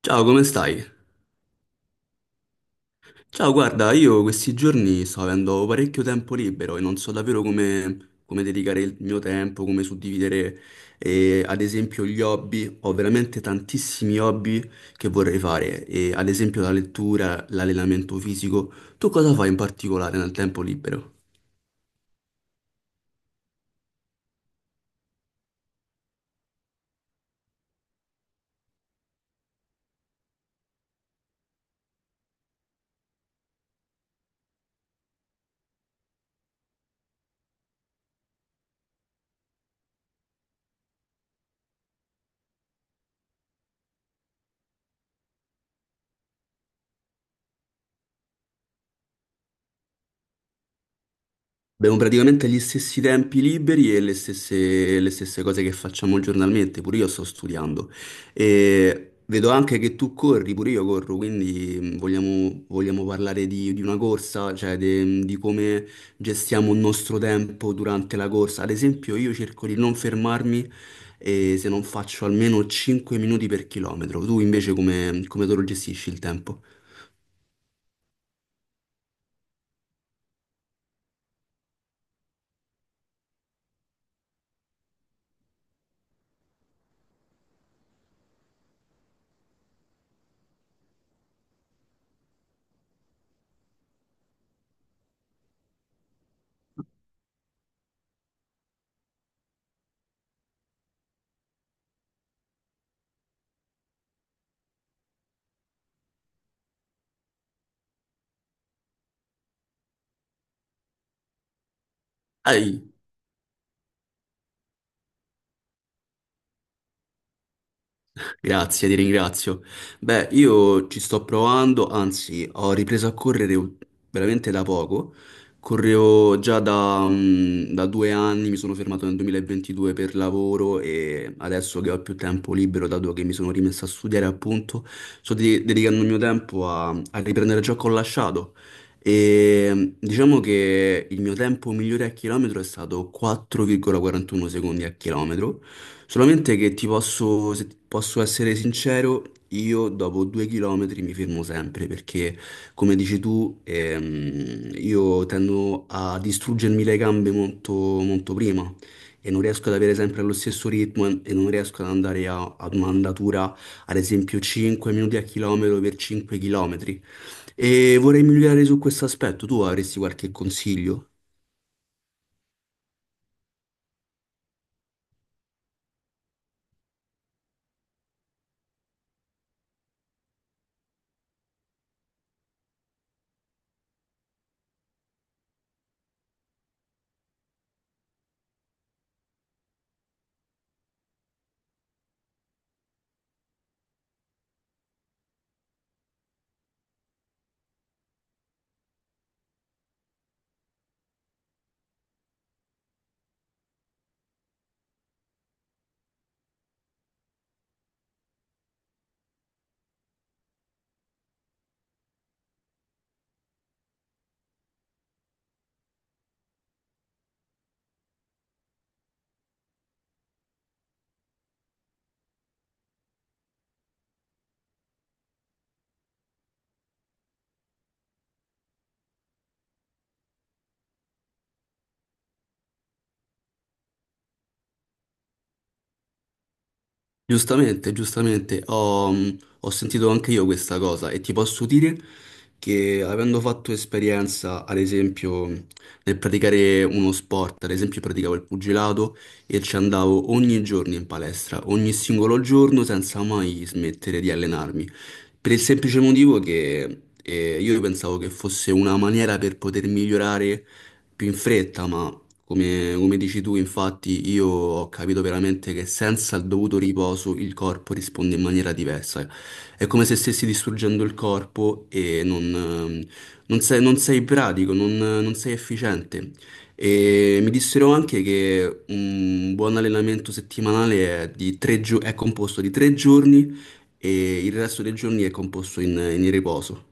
Ciao, come stai? Ciao, guarda, io questi giorni sto avendo parecchio tempo libero e non so davvero come dedicare il mio tempo, come suddividere, ad esempio, gli hobby. Ho veramente tantissimi hobby che vorrei fare, e, ad esempio la lettura, l'allenamento fisico. Tu cosa fai in particolare nel tempo libero? Abbiamo praticamente gli stessi tempi liberi e le stesse cose che facciamo giornalmente, pure io sto studiando. E vedo anche che tu corri, pure io corro, quindi vogliamo parlare di una corsa, cioè di come gestiamo il nostro tempo durante la corsa. Ad esempio, io cerco di non fermarmi e se non faccio almeno 5 minuti per chilometro. Tu invece come te lo gestisci il tempo? Grazie, ti ringrazio. Beh, io ci sto provando, anzi, ho ripreso a correre veramente da poco. Correvo già da 2 anni, mi sono fermato nel 2022 per lavoro e adesso che ho più tempo libero, dato che mi sono rimesso a studiare, appunto, dedicando il mio tempo a riprendere ciò che ho lasciato. E diciamo che il mio tempo migliore a chilometro è stato 4,41 secondi a chilometro. Solamente che ti posso, se ti posso essere sincero, io dopo 2 chilometri mi fermo sempre perché, come dici tu, io tendo a distruggermi le gambe molto, molto prima e non riesco ad avere sempre lo stesso ritmo e non riesco ad andare ad un'andatura, ad esempio, 5 minuti a chilometro per 5 km. E vorrei migliorare su questo aspetto. Tu avresti qualche consiglio? Giustamente, giustamente, ho sentito anche io questa cosa e ti posso dire che avendo fatto esperienza, ad esempio, nel praticare uno sport, ad esempio praticavo il pugilato e ci andavo ogni giorno in palestra, ogni singolo giorno senza mai smettere di allenarmi, per il semplice motivo che io pensavo che fosse una maniera per poter migliorare più in fretta, ma come, come dici tu, infatti, io ho capito veramente che senza il dovuto riposo il corpo risponde in maniera diversa. È come se stessi distruggendo il corpo e non sei pratico, non sei efficiente. E mi dissero anche che un buon allenamento settimanale è, è composto di 3 giorni e il resto dei giorni è composto in riposo.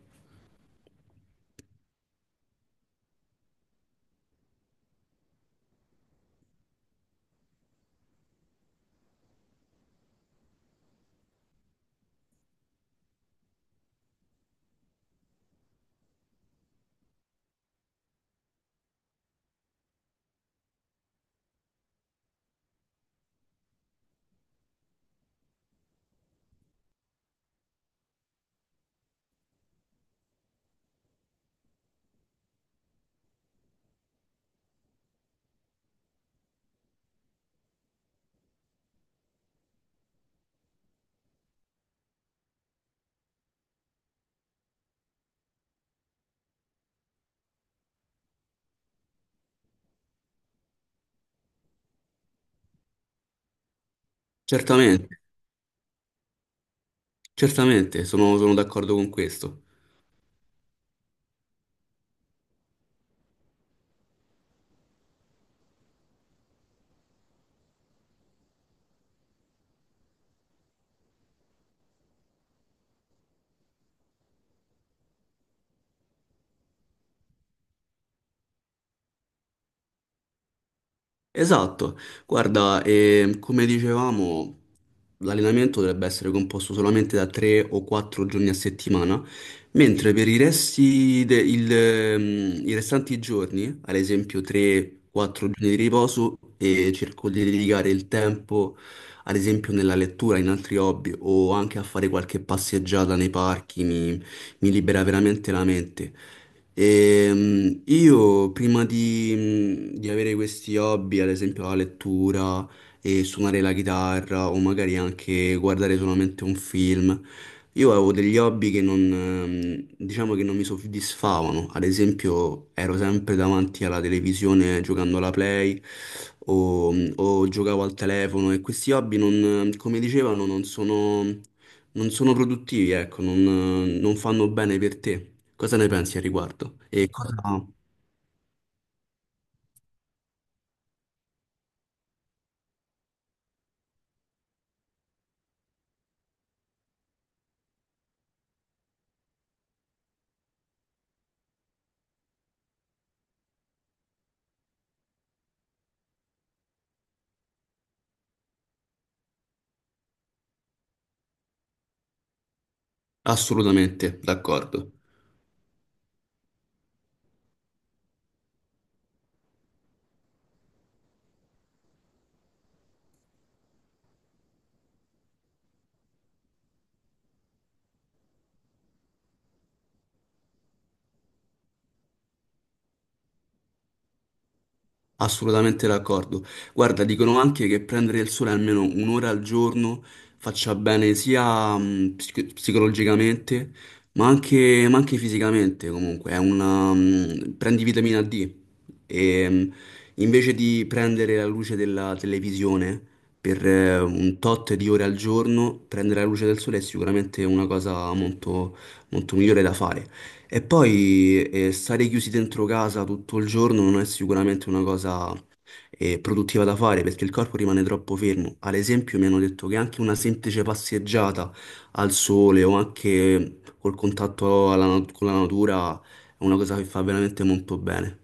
Certamente, certamente, sono d'accordo con questo. Esatto, guarda, come dicevamo, l'allenamento dovrebbe essere composto solamente da 3 o 4 giorni a settimana, mentre per i i restanti giorni, ad esempio 3-4 giorni di riposo, e cerco di dedicare il tempo, ad esempio nella lettura, in altri hobby o anche a fare qualche passeggiata nei parchi, mi libera veramente la mente. E, io prima di avere questi hobby, ad esempio la lettura e suonare la chitarra o magari anche guardare solamente un film, io avevo degli hobby che non, diciamo che non mi soddisfavano. Ad esempio ero sempre davanti alla televisione giocando alla Play o giocavo al telefono e questi hobby non, come dicevano, non sono produttivi, ecco, non fanno bene per te. Cosa ne pensi al riguardo? E cosa... Assolutamente, d'accordo. Assolutamente d'accordo. Guarda, dicono anche che prendere il sole almeno un'ora al giorno faccia bene sia psicologicamente, ma anche fisicamente comunque. È prendi vitamina D e invece di prendere la luce della televisione per un tot di ore al giorno, prendere la luce del sole è sicuramente una cosa molto, molto migliore da fare. E poi stare chiusi dentro casa tutto il giorno non è sicuramente una cosa produttiva da fare perché il corpo rimane troppo fermo. Ad esempio, mi hanno detto che anche una semplice passeggiata al sole o anche col contatto con la natura è una cosa che fa veramente molto bene.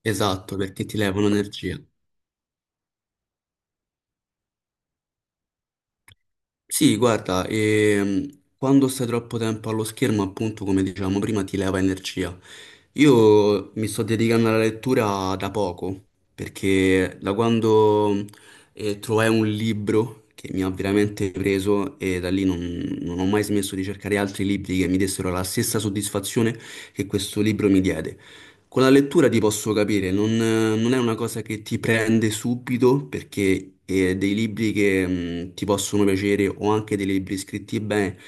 Esatto, perché ti leva un'energia. Sì, guarda, quando stai troppo tempo allo schermo, appunto, come dicevamo prima, ti leva energia. Io mi sto dedicando alla lettura da poco, perché da quando trovai un libro che mi ha veramente preso e da lì non ho mai smesso di cercare altri libri che mi dessero la stessa soddisfazione che questo libro mi diede. Con la lettura ti posso capire, non è una cosa che ti prende subito perché dei libri che ti possono piacere o anche dei libri scritti bene,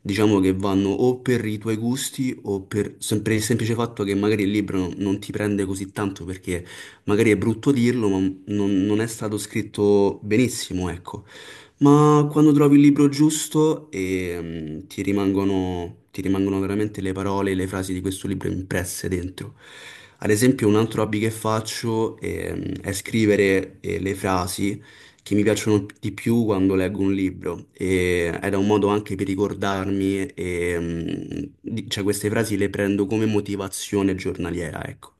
diciamo che vanno o per i tuoi gusti o per, per il semplice fatto che magari il libro non ti prende così tanto perché magari è brutto dirlo, ma non è stato scritto benissimo, ecco. Ma quando trovi il libro giusto ti rimangono veramente le parole e le frasi di questo libro impresse dentro. Ad esempio, un altro hobby che faccio è scrivere le frasi che mi piacciono di più quando leggo un libro. E era un modo anche per ricordarmi, cioè queste frasi le prendo come motivazione giornaliera, ecco.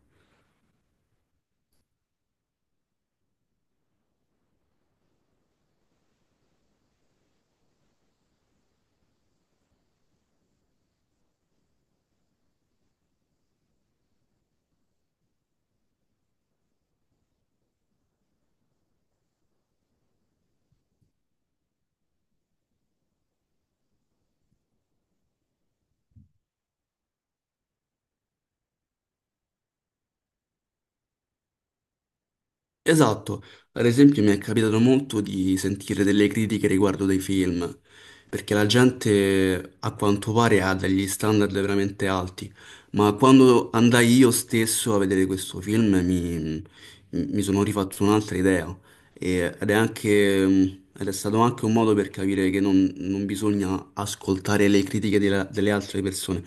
Esatto, ad esempio mi è capitato molto di sentire delle critiche riguardo dei film, perché la gente a quanto pare ha degli standard veramente alti, ma quando andai io stesso a vedere questo film mi sono rifatto un'altra idea. Ed è anche, ed è stato anche un modo per capire che non bisogna ascoltare le critiche delle altre persone,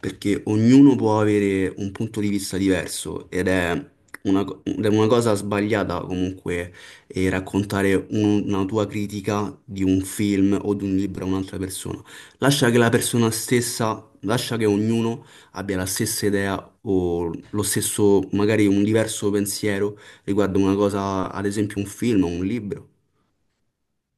perché ognuno può avere un punto di vista diverso ed è una cosa sbagliata comunque è raccontare una tua critica di un film o di un libro a un'altra persona. Lascia che la persona stessa, lascia che ognuno abbia la stessa idea o lo stesso, magari un diverso pensiero riguardo una cosa, ad esempio un film o un libro.